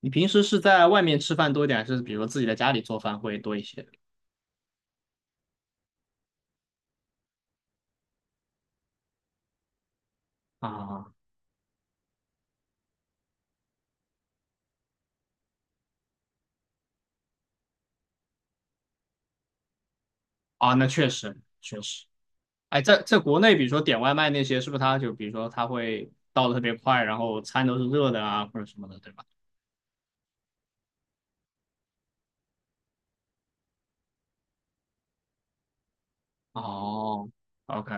你平时是在外面吃饭多一点，还是比如自己在家里做饭会多一些？啊啊，那确实确实。哎，在国内，比如说点外卖那些，是不是他就比如说他会到的特别快，然后餐都是热的啊，或者什么的，对吧？哦，OK，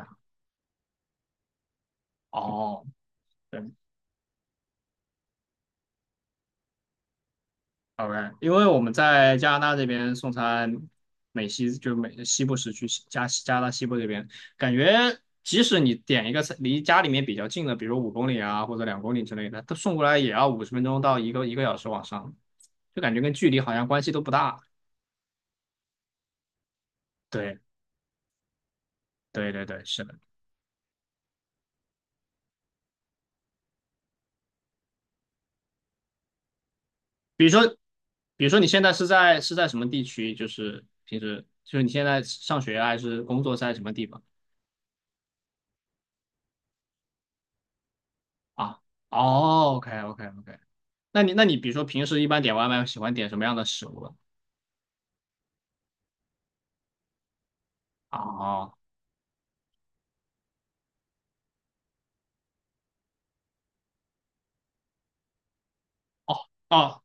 哦，对，OK，因为我们在加拿大这边送餐，美西就美西部时区西加加拿大西部这边，感觉即使你点一个餐离家里面比较近的，比如5公里啊或者2公里之类的，它送过来也要50分钟到一个小时往上，就感觉跟距离好像关系都不大。对对对对，是的。比如说，比如说你现在是在什么地区？就是平时就是你现在上学啊还是工作是在什么地方啊？哦，OK OK OK，那你那你比如说平时一般点外卖喜欢点什么样的食物呢？哦哦哦，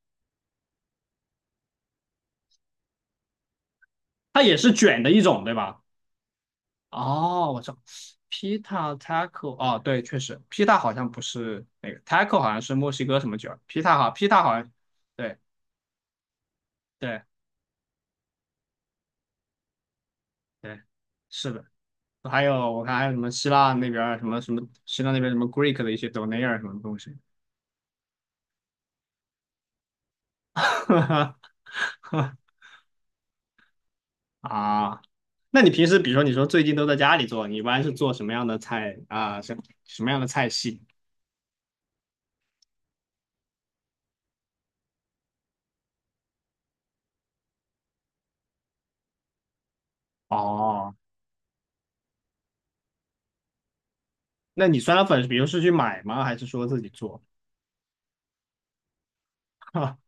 它也是卷的一种，对吧？哦，我知道，pita taco，哦，对，确实，pita 好像不是那个，taco 好像是墨西哥什么卷，pita 好，pita 好像，对对对，是的。还有我看还有什么希腊那边儿什么什么希腊那边什么 Greek 的一些 donair 什么东西，啊，那你平时比如说你说最近都在家里做，你一般是做什么样的菜啊？什么样的菜系？哦，那你酸辣粉，比如是去买吗？还是说自己做？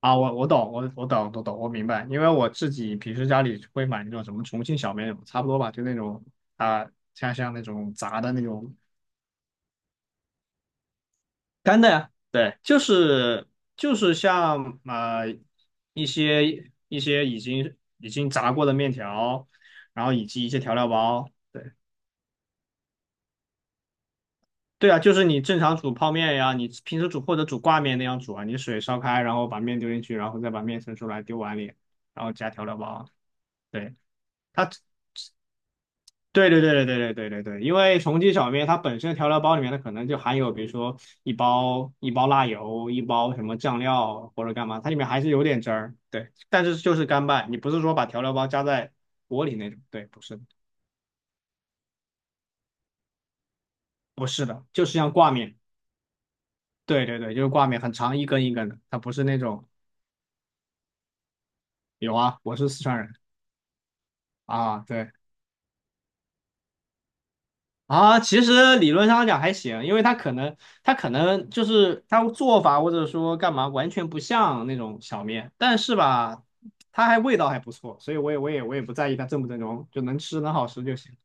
啊，我懂，我懂，我懂，我明白，因为我自己平时家里会买那种什么重庆小面那种差不多吧，就那种啊，像那种炸的那种干的呀，对，就是就是像一些已经炸过的面条，然后以及一些调料包，对对啊，就是你正常煮泡面呀，你平时煮或者煮挂面那样煮啊，你水烧开，然后把面丢进去，然后再把面盛出来丢碗里，然后加调料包，对。它。对对对对对对对对对，因为重庆小面它本身调料包里面它可能就含有，比如说一包辣油，一包什么酱料或者干嘛，它里面还是有点汁儿，对，但是就是干拌，你不是说把调料包加在锅里那种，对，不是的不是的，就是像挂面，对对对，就是挂面，很长一根一根的，它不是那种，有啊，我是四川人啊，对。啊，其实理论上讲还行，因为他可能就是他做法或者说干嘛完全不像那种小面，但是吧，它还味道还不错，所以我也不在意它正不正宗，就能吃能好吃就行，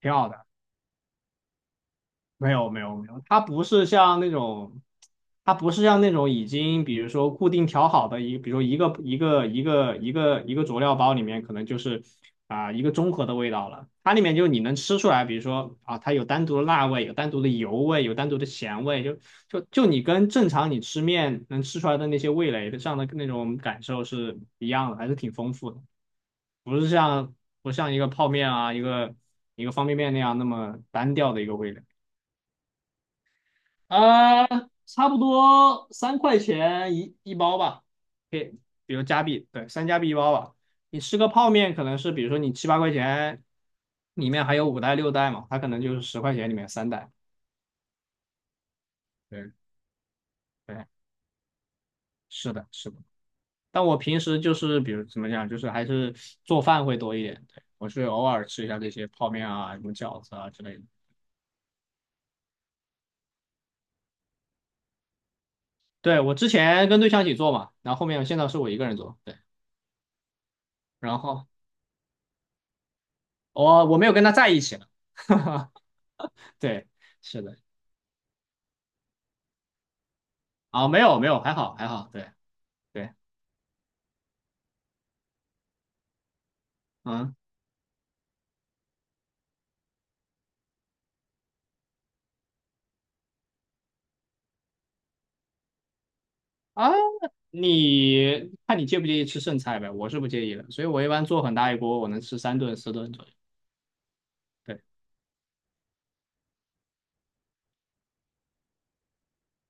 挺好的。没有没有没有，它不是像那种，它不是像那种已经比如说固定调好的一，比如说一个佐料包里面可能就是一个综合的味道了，它里面就你能吃出来，比如说啊它有单独的辣味，有单独的油味，有单独的咸味，就你跟正常你吃面能吃出来的那些味蕾的上的那种感受是一样的，还是挺丰富的，不是像不像一个泡面啊一个方便面那样那么单调的一个味蕾。啊，差不多3块钱一包吧，可以，比如加币，对，3加币一包吧。你吃个泡面可能是，比如说你7、8块钱，里面还有5袋6袋嘛，它可能就是10块钱里面3袋。对对，是的，是的。但我平时就是比如怎么讲，就是还是做饭会多一点。对，我是偶尔吃一下这些泡面啊，什么饺子啊之类的。对，我之前跟对象一起做嘛，然后后面现在是我一个人做，对，然后我没有跟他在一起了。对，是的，啊，没有没有，还好还好，对对，嗯啊，你看你介不介意吃剩菜呗？我是不介意的，所以我一般做很大一锅，我能吃3顿4顿左右。对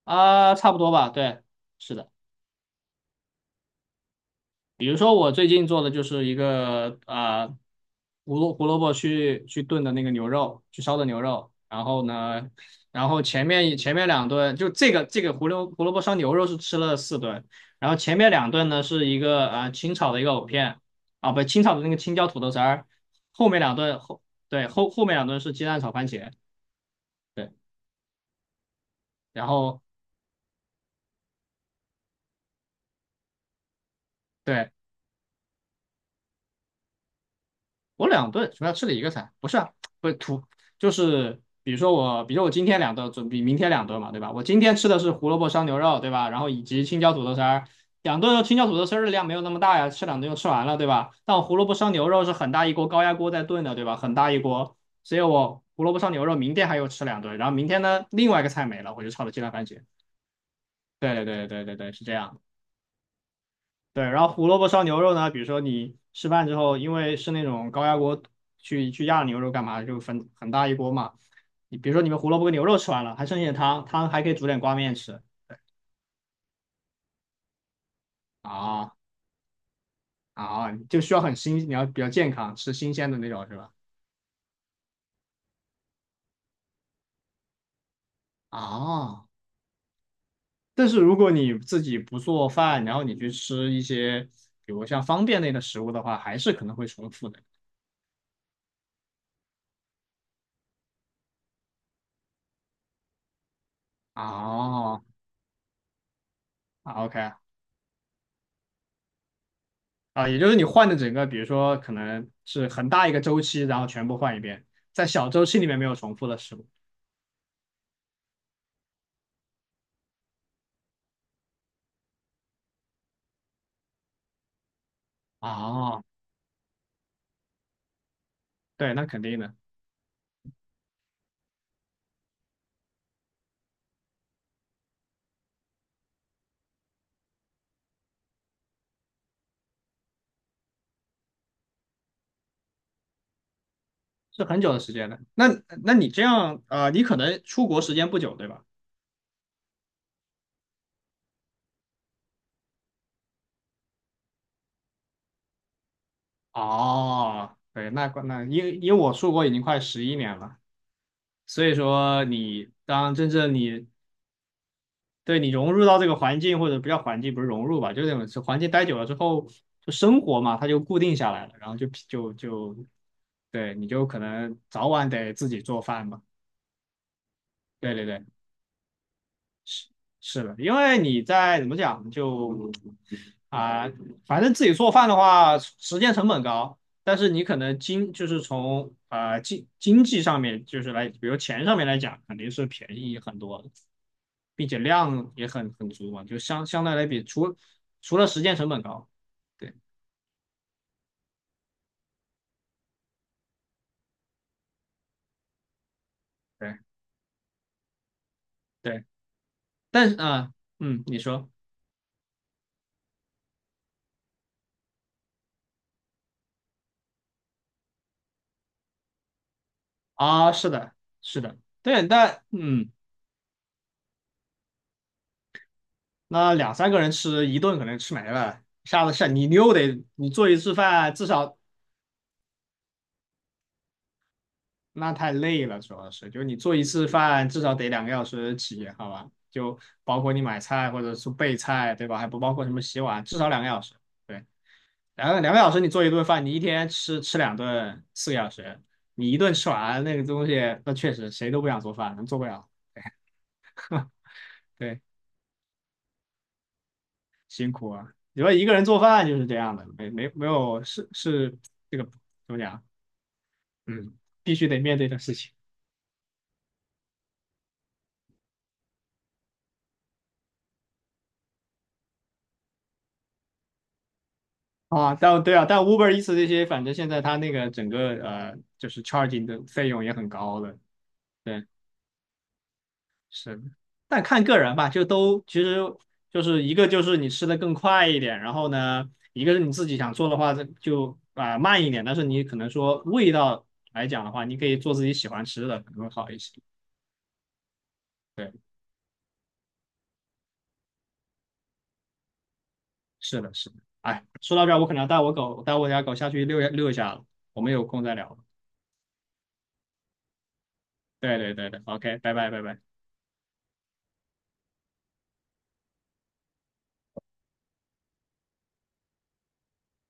啊，差不多吧，对，是的。比如说我最近做的就是一个胡萝卜去炖的那个牛肉，去烧的牛肉。然后呢，然后前面两顿就这个胡萝卜烧牛肉是吃了四顿，然后前面两顿呢是一个清炒的一个藕片啊，不清炒的那个青椒土豆丝儿，后面两顿对后面两顿是鸡蛋炒番茄，对，然后。对，我两顿什么要吃了一个菜，不是啊，不是土，就是比如说我，比如说我今天两顿，准比明天两顿嘛，对吧？我今天吃的是胡萝卜烧牛肉，对吧？然后以及青椒土豆丝儿，两顿青椒土豆丝儿的量没有那么大呀，吃两顿就吃完了，对吧？但我胡萝卜烧牛肉是很大一锅高压锅在炖的，对吧？很大一锅，所以我胡萝卜烧牛肉明天还有吃两顿，然后明天呢另外一个菜没了，我就炒了鸡蛋番茄。对对对对对对，是这样。对，然后胡萝卜烧牛肉呢，比如说你吃饭之后，因为是那种高压锅去压牛肉干嘛，就分很大一锅嘛。你比如说你们胡萝卜跟牛肉吃完了，还剩一点汤，汤还可以煮点挂面吃啊啊，就需要很新，你要比较健康，吃新鲜的那种是吧？啊，但是如果你自己不做饭，然后你去吃一些比如像方便类的食物的话，还是可能会重复的。哦，OK，啊，也就是你换的整个，比如说可能是很大一个周期，然后全部换一遍，在小周期里面没有重复的事物。哦，对，那肯定的，是很久的时间的。那那你这样，你可能出国时间不久，对吧？哦，对，那那因为我出国已经快11年了，所以说你当真正你对你融入到这个环境，或者不叫环境，不是融入吧，就那种是环境待久了之后，就生活嘛，它就固定下来了，然后就对，你就可能早晚得自己做饭嘛。对对对，是是的，因为你在怎么讲就啊、反正自己做饭的话，时间成本高，但是你可能经就是从经济上面就是来，比如钱上面来讲，肯定是便宜很多的并且量也很足嘛，就相对来比，除除了时间成本高，对对对，但是嗯，你说是的，是的，对，但嗯。那2、3个人吃一顿可能吃没了，下次下你你又得你做一次饭至少那太累了，主要是就你做一次饭至少得两个小时起，好吧？就包括你买菜或者是备菜，对吧？还不包括什么洗碗，至少两个小时。对，两个小时你做一顿饭，你一天吃两顿，4个小时，你一顿吃完那个东西，那确实谁都不想做饭，能做不了。对，你说一个人做饭就是这样的，没有是是这个怎么讲？嗯，必须得面对的事情啊。但对啊，但 Uber Eats 这些，反正现在它那个整个就是 charging 的费用也很高的。对，是的，但看个人吧，就都其实就是一个就是你吃的更快一点，然后呢，一个是你自己想做的话就慢一点，但是你可能说味道来讲的话，你可以做自己喜欢吃的，可能会好一些。对，是的，是的。哎，说到这儿，我可能要带我狗带我家狗下去遛一下了，我们有空再聊。对对对对，OK，拜拜拜拜。